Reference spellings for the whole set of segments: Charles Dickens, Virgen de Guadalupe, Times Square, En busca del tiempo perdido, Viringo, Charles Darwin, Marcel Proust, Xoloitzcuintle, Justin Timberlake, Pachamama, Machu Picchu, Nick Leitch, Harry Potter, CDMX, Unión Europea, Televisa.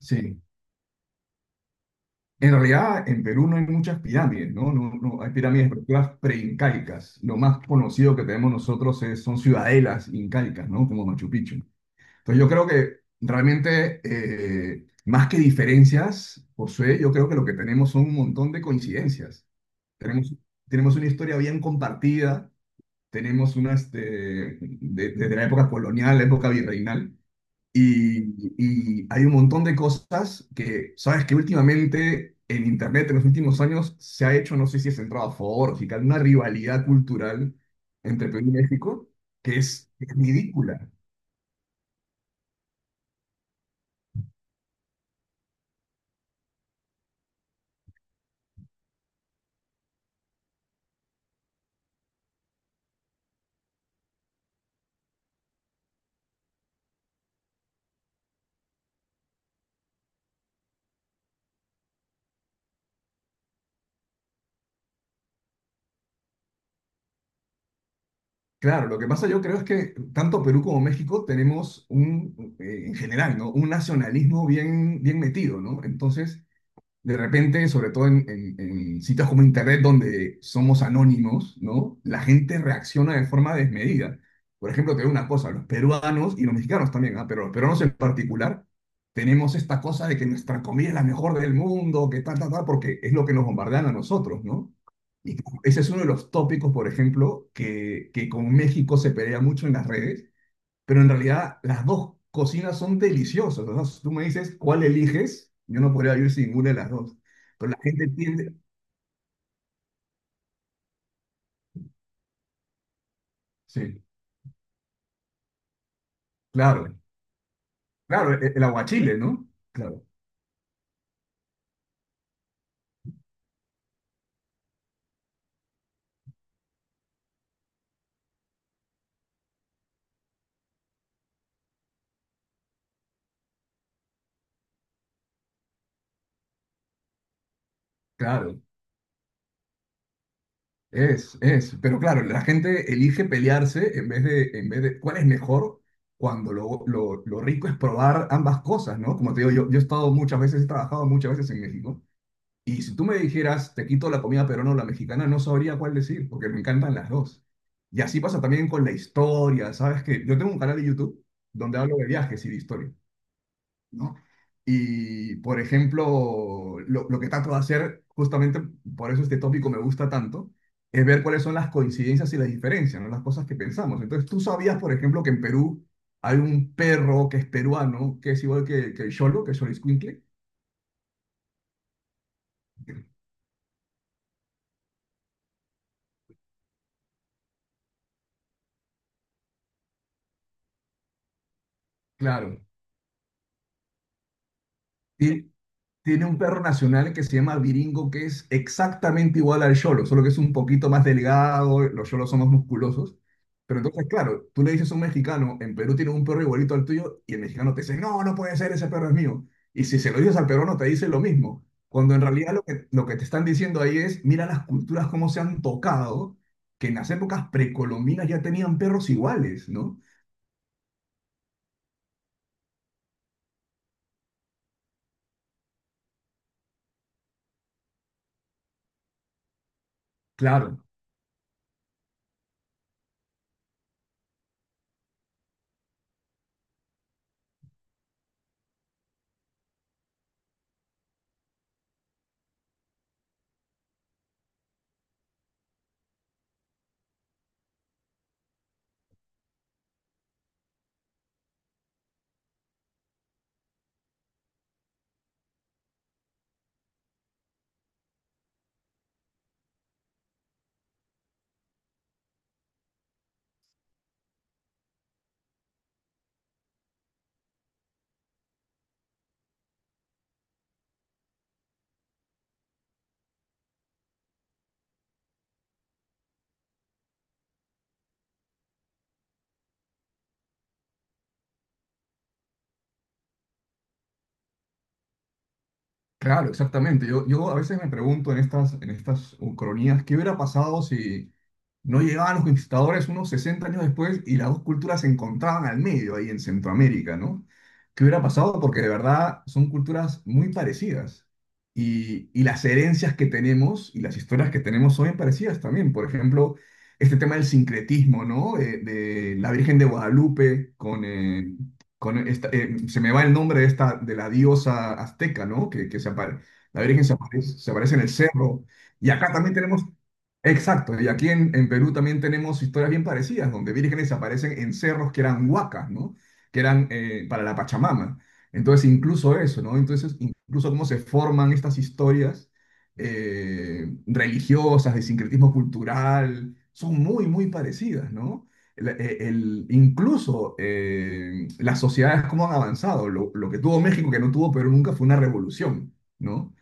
Sí, en realidad en Perú no hay muchas pirámides, ¿no? No, no hay pirámides, estructuras preincaicas. Lo más conocido que tenemos nosotros son ciudadelas incaicas, ¿no? Como Machu Picchu. Entonces yo creo que realmente, más que diferencias, José, yo creo que lo que tenemos son un montón de coincidencias. Tenemos, tenemos una historia bien compartida, tenemos una, desde la época colonial, la época virreinal. Y hay un montón de cosas que, sabes que últimamente en Internet en los últimos años se ha hecho, no sé si es entrado a favor o si tal, una rivalidad cultural entre Perú y México que es ridícula. Claro, lo que pasa yo creo es que tanto Perú como México tenemos un, en general, ¿no? Un nacionalismo bien, bien metido, ¿no? Entonces, de repente, sobre todo en, en sitios como Internet, donde somos anónimos, ¿no? La gente reacciona de forma desmedida. Por ejemplo, te digo una cosa, los peruanos y los mexicanos también, ¿ah? Pero los peruanos en particular, tenemos esta cosa de que nuestra comida es la mejor del mundo, que tal, tal, tal, porque es lo que nos bombardean a nosotros, ¿no? Y ese es uno de los tópicos, por ejemplo, que con México se pelea mucho en las redes, pero en realidad las dos cocinas son deliciosas, ¿no? Si tú me dices cuál eliges, yo no podría vivir sin ninguna de las dos. Pero la gente tiende. Sí, claro, claro, el aguachile, ¿no? Claro, claro, es. Pero claro, la gente elige pelearse en vez de, cuál es mejor. Cuando lo rico es probar ambas cosas, ¿no? Como te digo, yo he estado muchas veces, he trabajado muchas veces en México. Y si tú me dijeras, te quito la comida pero no la mexicana, no sabría cuál decir, porque me encantan las dos. Y así pasa también con la historia, ¿sabes? Que yo tengo un canal de YouTube donde hablo de viajes y de historia, ¿no? Y, por ejemplo, lo que trato de hacer, justamente por eso este tópico me gusta tanto, es ver cuáles son las coincidencias y las diferencias, ¿no? Las cosas que pensamos. Entonces, tú sabías, por ejemplo, que en Perú hay un perro que es peruano, que es igual que el Xolo, que es Xoloitzcuintle. Claro. Y tiene un perro nacional que se llama Viringo, que es exactamente igual al Yolo, solo que es un poquito más delgado, los Yolos son más musculosos. Pero entonces, claro, tú le dices a un mexicano, en Perú tiene un perro igualito al tuyo, y el mexicano te dice, no, no puede ser, ese perro es mío. Y si se lo dices al peruano, te dice lo mismo. Cuando en realidad lo que te están diciendo ahí es, mira las culturas cómo se han tocado, que en las épocas precolombinas ya tenían perros iguales, ¿no? Claro, claro, exactamente. Yo a veces me pregunto en estas cronías, ¿qué hubiera pasado si no llegaban los conquistadores unos 60 años después y las dos culturas se encontraban al medio ahí en Centroamérica, ¿no? ¿Qué hubiera pasado? Porque de verdad son culturas muy parecidas y las herencias que tenemos y las historias que tenemos son bien parecidas también. Por ejemplo, este tema del sincretismo, ¿no? De la Virgen de Guadalupe con esta, se me va el nombre de esta, de la diosa azteca, ¿no? La Virgen se aparece en el cerro. Y acá también tenemos. Exacto, y aquí en Perú también tenemos historias bien parecidas, donde vírgenes aparecen en cerros que eran huacas, ¿no? Que eran para la Pachamama. Entonces, incluso eso, ¿no? Entonces, incluso cómo se forman estas historias religiosas, de sincretismo cultural, son muy, muy parecidas, ¿no? Incluso, las sociedades, cómo han avanzado. Lo que tuvo México, que, no tuvo Perú nunca, fue una revolución, ¿no?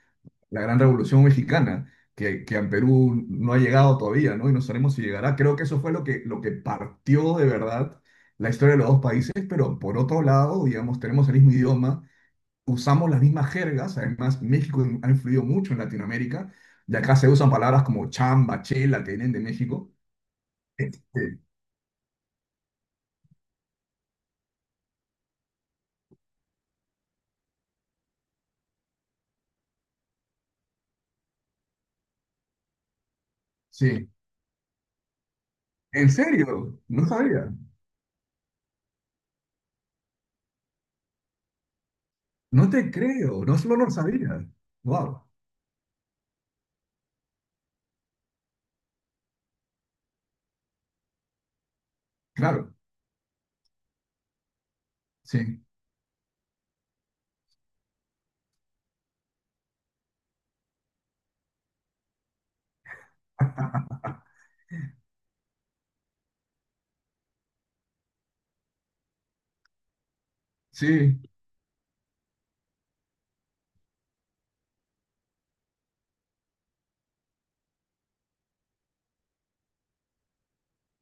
La gran revolución mexicana, que en Perú no ha llegado todavía, ¿no? Y no sabemos si llegará. Creo que eso fue lo que, partió de verdad la historia de los dos países, pero por otro lado, digamos, tenemos el mismo idioma, usamos las mismas jergas, además México ha influido mucho en Latinoamérica, de acá se usan palabras como chamba, chela, que vienen de México. Este, sí, en serio, no sabía, no te creo, no solo no lo sabía. Wow, claro, sí, sí,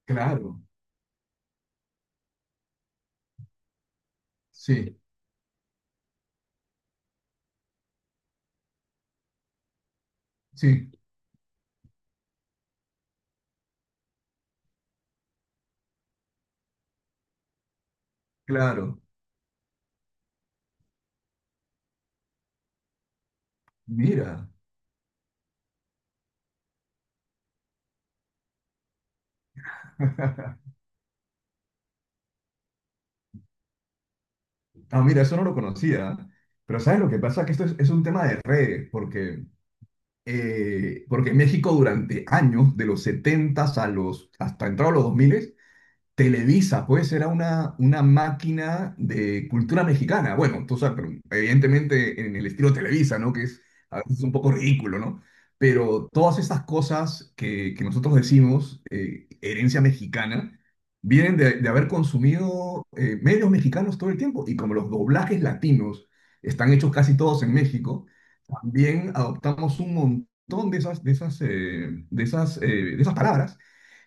claro, sí. Sí, claro, mira. Ah, mira, eso no lo conocía. Pero ¿sabes lo que pasa? Que esto es un tema de redes, porque México durante años, de los 70 a los, hasta entrado a los 2000, Televisa, pues era una máquina de cultura mexicana. Bueno, tú sabes, pero evidentemente en el estilo Televisa, ¿no? Que es a veces un poco ridículo, ¿no? Pero todas estas cosas que nosotros decimos, herencia mexicana, vienen de haber consumido medios mexicanos todo el tiempo. Y como los doblajes latinos están hechos casi todos en México, también adoptamos un montón de esas palabras,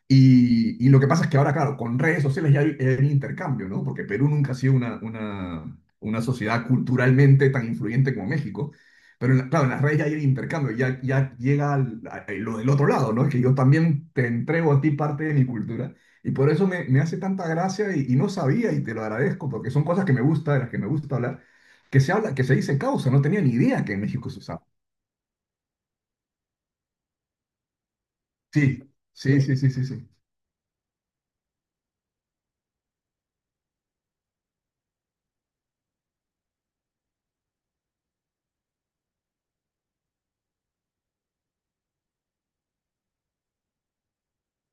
y lo que pasa es que ahora, claro, con redes sociales ya hay un intercambio, ¿no? Porque Perú nunca ha sido una sociedad culturalmente tan influyente como México. Pero claro, en las redes ya hay el intercambio, ya llega a lo del otro lado, ¿no? Es que yo también te entrego a ti parte de mi cultura. Y por eso me hace tanta gracia y no sabía y te lo agradezco, porque son cosas que me gusta, de las que me gusta hablar, que se habla, que se dice causa. No tenía ni idea que en México se usaba. Sí, sí, sí, sí, sí, sí.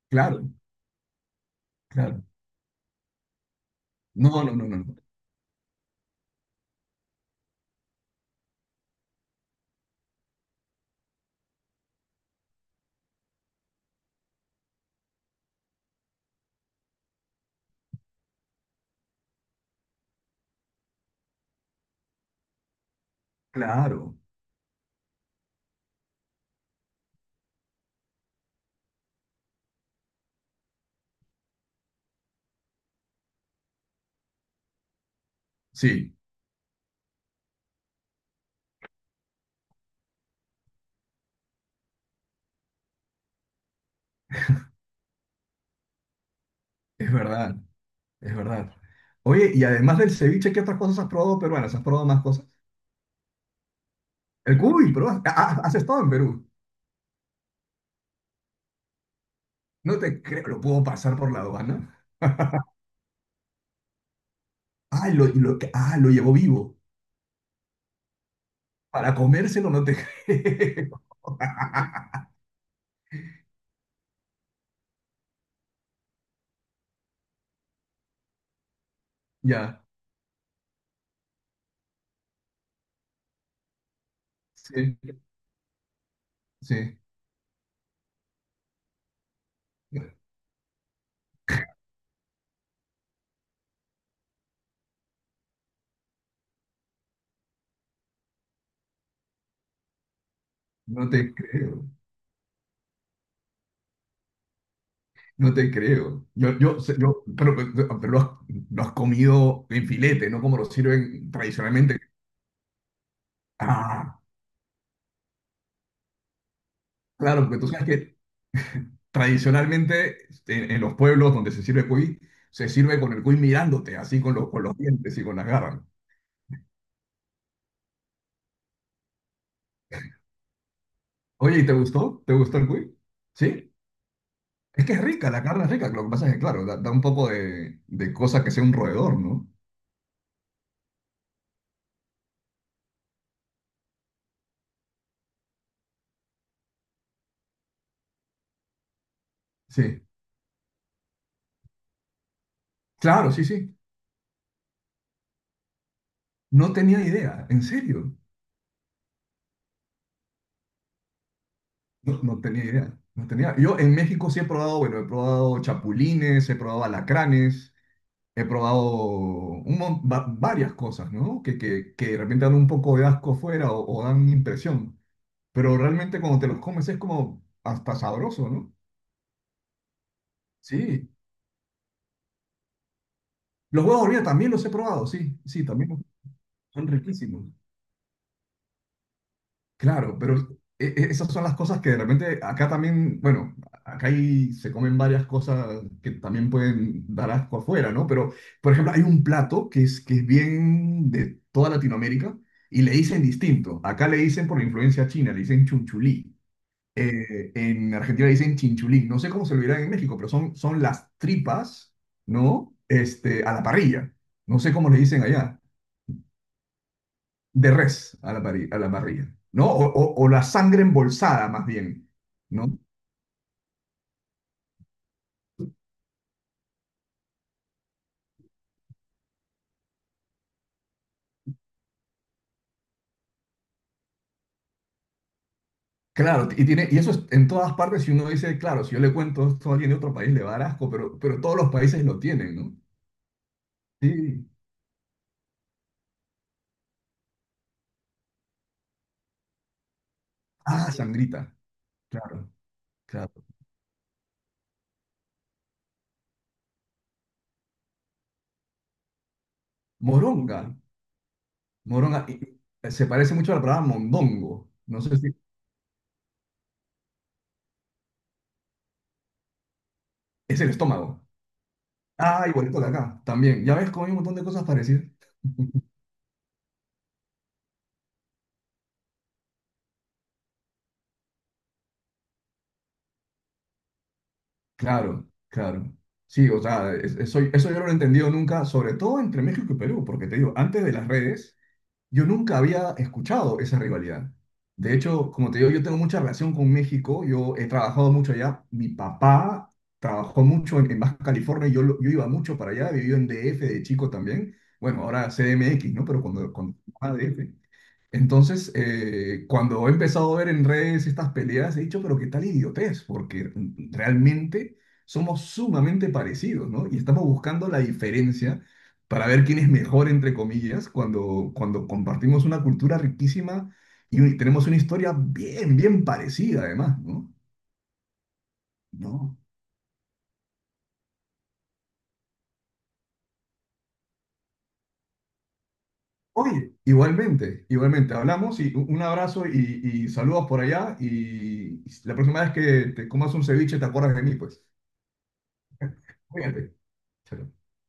Claro, claro. No, no, no, no. No. Claro. Sí, es verdad, es verdad. Oye, y además del ceviche, ¿qué otras cosas has probado peruanas? ¿Has probado más cosas? El cuy, pero has estado en Perú. No te creo, lo puedo pasar por la aduana. Ah, lo llevó vivo. Para comérselo no te creo. Ya, sí, sí. No te creo, no te creo. Yo, pero lo has comido en filete, no como lo sirven tradicionalmente. Ah, claro, porque tú sabes que tradicionalmente, en los pueblos donde se sirve cuy, se sirve con el cuy mirándote, así con los dientes y con las garras. Oye, ¿y te gustó? ¿Te gustó el cuy? Sí. Es que es rica, la carne es rica. Lo que pasa es que, claro, da un poco de cosa que sea un roedor, ¿no? Sí. Claro, sí, sí. No tenía idea, en serio. No, no tenía idea. No tenía. Yo en México sí he probado, bueno, he probado chapulines, he probado alacranes. He probado varias cosas, ¿no? Que de repente dan un poco de asco fuera o dan impresión. Pero realmente cuando te los comes es como hasta sabroso, ¿no? Sí. Los huevos de hormiga también los he probado, sí, sí, también son riquísimos. Claro, pero esas son las cosas que de repente acá también, bueno, acá hay, se comen varias cosas que también pueden dar asco afuera, ¿no? Pero, por ejemplo, hay un plato que es bien de toda Latinoamérica y le dicen distinto. Acá le dicen, por la influencia china, le dicen chunchulí. En Argentina le dicen chinchulín. No sé cómo se lo dirán en México, pero son las tripas, ¿no? A la parrilla. No sé cómo le dicen allá, de res a la parrilla, ¿no? O la sangre embolsada, más bien, ¿no? Claro, y eso es en todas partes. Si uno dice, claro, si yo le cuento esto a alguien de otro país, le va a dar asco, pero todos los países lo tienen, ¿no? Sí. Ah, sangrita. Claro, claro. Moronga. Moronga. Y se parece mucho a la palabra mondongo. No sé si es el estómago. Ah, igualito de acá, también. Ya ves cómo hay un montón de cosas parecidas. Claro, claro. Sí, o sea, eso, yo no lo he entendido nunca, sobre todo entre México y Perú, porque te digo, antes de las redes, yo nunca había escuchado esa rivalidad. De hecho, como te digo, yo tengo mucha relación con México, yo he trabajado mucho allá, mi papá trabajó mucho en Baja California, y yo iba mucho para allá, viví en DF de chico también, bueno, ahora CDMX, ¿no? Pero cuando era DF. Entonces, cuando he empezado a ver en redes estas peleas, he dicho, pero qué tal idiotez, porque realmente somos sumamente parecidos, ¿no? Y estamos buscando la diferencia para ver quién es mejor, entre comillas, cuando compartimos una cultura riquísima y tenemos una historia bien, bien parecida, además, ¿no? No. Oye, igualmente, igualmente, hablamos, y un abrazo y saludos por allá y la próxima vez que te comas un ceviche te acuerdas de mí, pues. Cuídate. Chao.